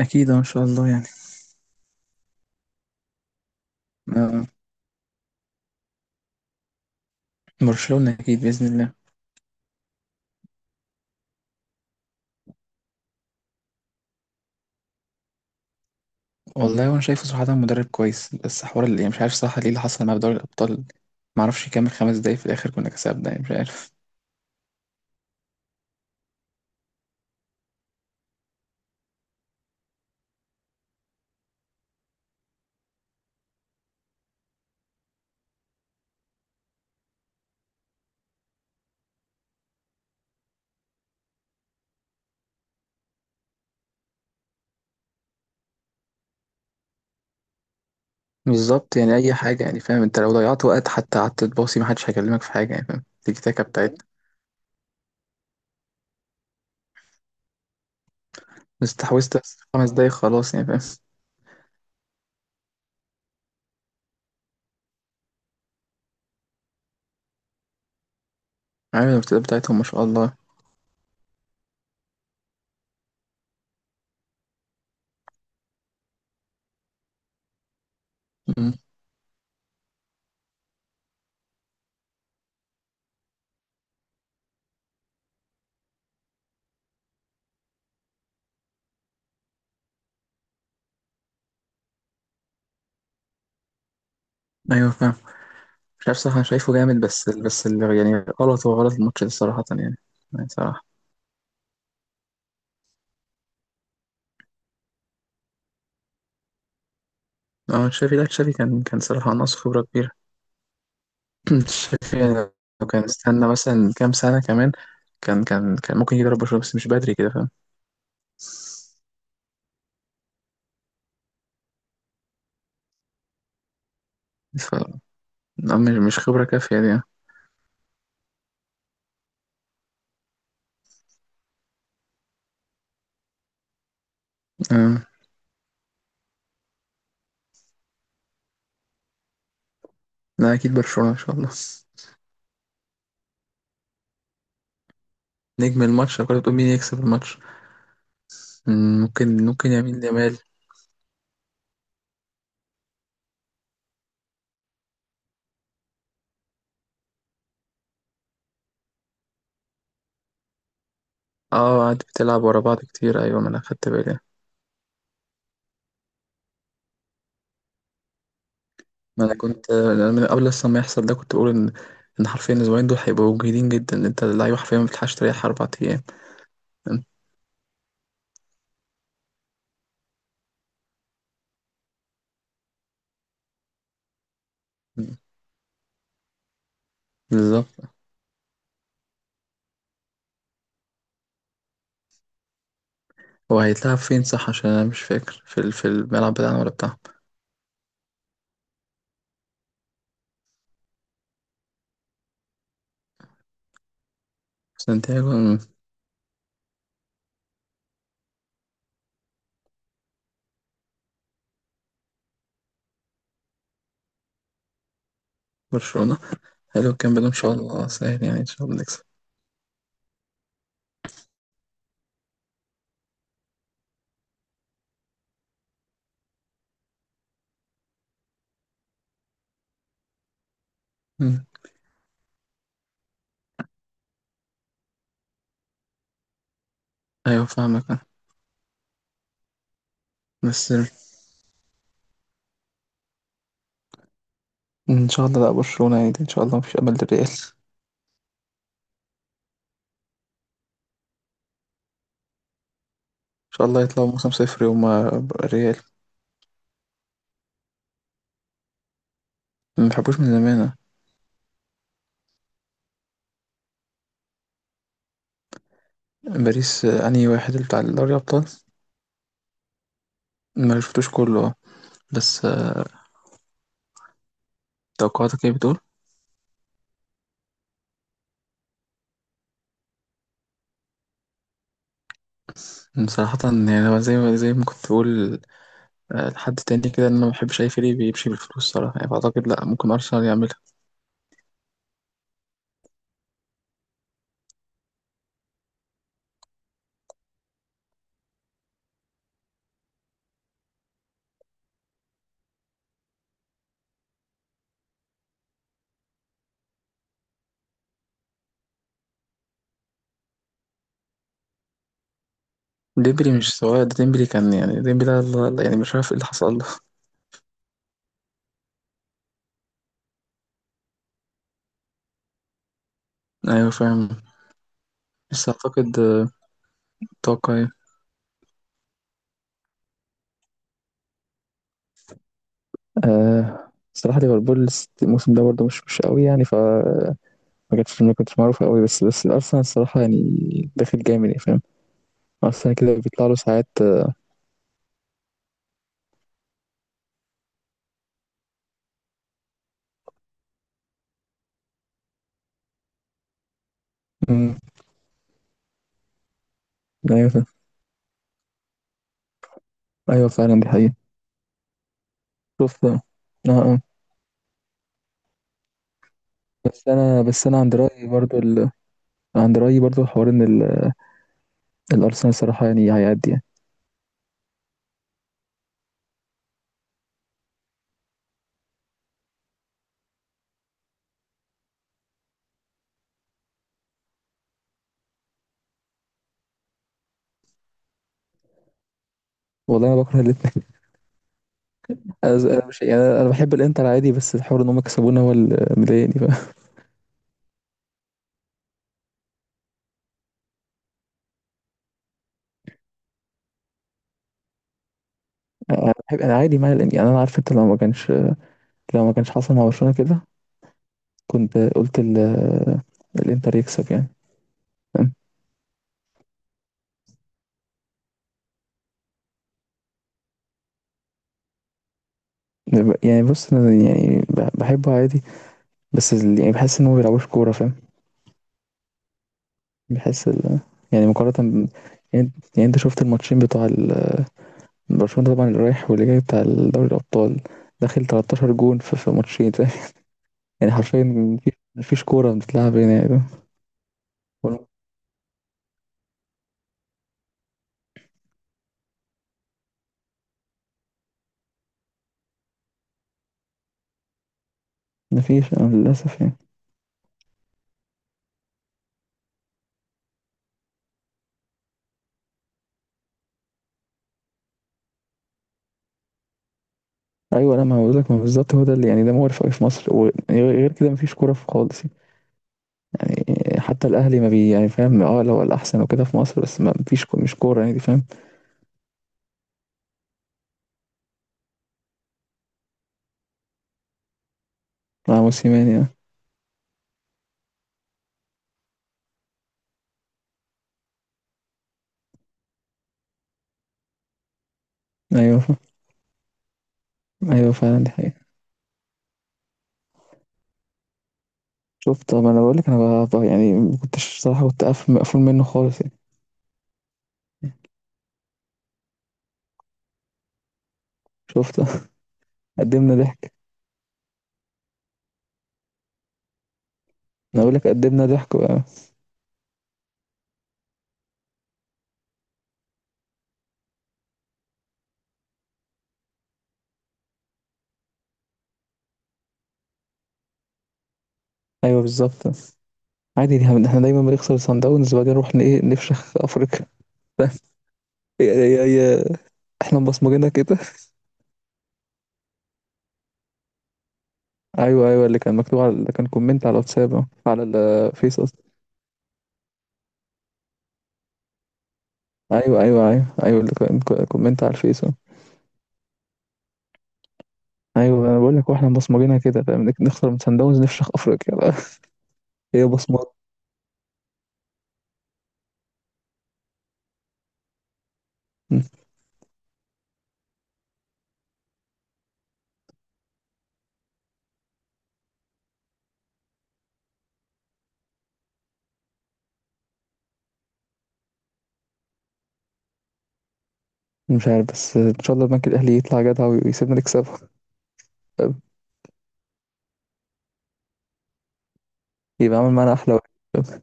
أكيد إن شاء الله يعني. آه، برشلونة أكيد بإذن الله. والله وأنا شايفه صراحة مدرب كويس، بس حوار اللي مش عارف صح ليه اللي حصل مع دوري الأبطال. معرفش يكمل خمس دقايق في الآخر كنا كسبنا، يعني مش عارف. بالظبط، يعني أي حاجة يعني فاهم، أنت لو ضيعت وقت حتى قعدت تباصي محدش هيكلمك في حاجة يعني فاهم، تيكي تاكا بتاعتنا. بس تحوست بس خمس دقايق خلاص يعني فاهم. عامل الارتداد بتاعتهم ما شاء الله. مم. أيوه فاهم. مش عارف صح، أنا شايفه جامد بس اللي يعني غلط، هو غلط الماتش ده صراحة يعني، يعني صراحة. اه تشافي، لا تشافي كان صراحة ناقص خبرة كبيرة. شايفين لو كان استنى مثلا كام سنة كمان، كان ممكن يضرب برشلونة، بس مش بدري كده فاهم. ف لا، مش خبرة كافية دي يعني. أمم. لا أكيد برشلونة إن شاء الله. نجم الماتش؟ لو كنت بتقول مين يكسب الماتش، أمم، ممكن يمين يامال. اه قعدت بتلعب ورا بعض كتير، ايوه ما انا خدت بالي. ما انا كنت أنا من قبل اصلا ما يحصل ده كنت بقول ان حرفيا الاسبوعين دول هيبقوا جيدين جدا، ان انت اللعيبه حرفيا ما بتلحقش تريح اربع ايام. أمم. بالظبط. هو هيتلعب فين صح؟ عشان انا مش فاكر في الملعب بتاعنا ولا بتاعهم. سانتياغو من برشلونة. حلو الكلام ده، ان شاء الله سهل يعني، ان شاء الله نكسب. مم. ايوه فاهمك انا. بس ان شاء الله، لا برشلونة يعني، ان شاء الله مفيش امل للريال. ان شاء الله يطلعوا موسم صفر هما الريال. ما بحبوش من زمان أنا. باريس، آه، انهي واحد، اللي بتاع دوري الابطال؟ ما شفتوش كله آه. بس آه، توقعاتك ايه بتقول؟ مم، صراحة يعني أنا زي ما كنت بقول آه، لحد تاني كده، إن أنا ما بحبش أي فريق بيمشي بالفلوس صراحة يعني، فأعتقد لأ، ممكن أرسنال يعمل. ديمبلي مش سواء ده، ديمبلي كان يعني، ديمبلي ده يعني مش عارف ايه اللي حصل له. ايوه فاهم. بس اعتقد آه، اتوقع ايه؟ آه. الصراحة ليفربول الموسم ده برضه مش قوي يعني، فما كانتش، ما كنتش معروفة قوي، بس بس الأرسنال الصراحة يعني داخل جامد يعني فاهم. أرسنال كده بيطلع له ساعات آه، مم، أيوة فاهم. أيوة فعلا دي حقيقة. شوف آه، آه. بس أنا، بس أنا عند رأيي برضه عند رأيي برضه حوار إن الأرسنال الصراحة يعني هيعدي يعني. والله أنا بكره الاتنين. أنا مش يعني، أنا أنا بحب الإنتر عادي، بس الحوار إن هم كسبونا هو اللي مضايقني بقى. أنا بحب، أنا عادي مع الإنتر يعني، أنا عارف أنت لو ما كانش، لو ما كانش حصل مع برشلونة كده كنت قلت الإنتر يكسب يعني. فاهم؟ يعني بص أنا يعني بحبه عادي، بس ال- يعني بحس إن هو ما بيلعبوش كورة فاهم. بحس ال... يعني مقارنة ب- يعني، يعني أنت شفت الماتشين بتوع ال- برشلونة طبعا، اللي رايح واللي جاي بتاع دوري الأبطال، داخل 13 جون في في ماتشين فاهم؟ يعني حرفيا مفيش كورة بتتلعب هنا يعني. مفيش آه، للأسف يعني. أيوة لا، ما هو بقولك، ما بالظبط هو ده اللي يعني، ده مقرف أوي في مصر، وغير كده مفيش كورة في خالص يعني. يعني حتى الأهلي ما بي يعني فاهم، اه لو الأحسن وكده في مصر، بس ما مفيش مش كورة يعني دي فاهم. مع موسيماني يعني. أيوة فاهم. أيوة فعلا دي حقيقة. شفت ما أنا بقولك أنا يعني ما كنتش صراحة، كنت قافل مقفول منه خالص يعني. شفت. قدمنا ضحك. أنا بقولك قدمنا ضحك بقى. أيوة بالظبط. احنا دايما بنخسر صن داونز وبعدين نروح ن- إيه نفشخ أفريقيا. هي احنا مبصمجينها كده. ايوه ايوه، اللي كان مكتوب، على اللي كان كومنت على الواتساب أهو، على الفيس قصدي. ايوه ايوه ايوه ايوه، اللي كان كومنت على الفيس أهو. ايوه انا بقول لك، واحنا مبصمجينها كده فاهم، نخسر من سان داونز نفشخ افريقيا بقى. هي بصمات. م. مش عارف، بس ان شاء الله البنك الاهلي يطلع جدع ويسيبنا نكسبه. فاهم؟ يبقى عامل معانا احلى واحد. فاهم؟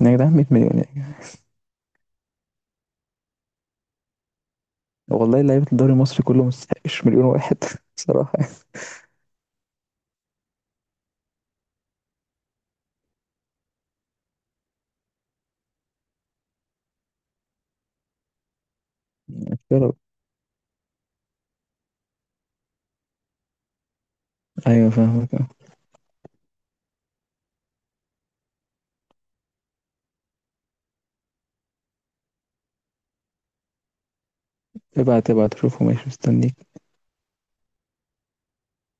يا جدعان 100 مليون يعني. والله لعيبه الدوري المصري كله ما يستحقش مليون واحد. صراحه يعني، يا رب. ايوه فاهمك آه. ابعت ابعت شوفه ماشي، مستني.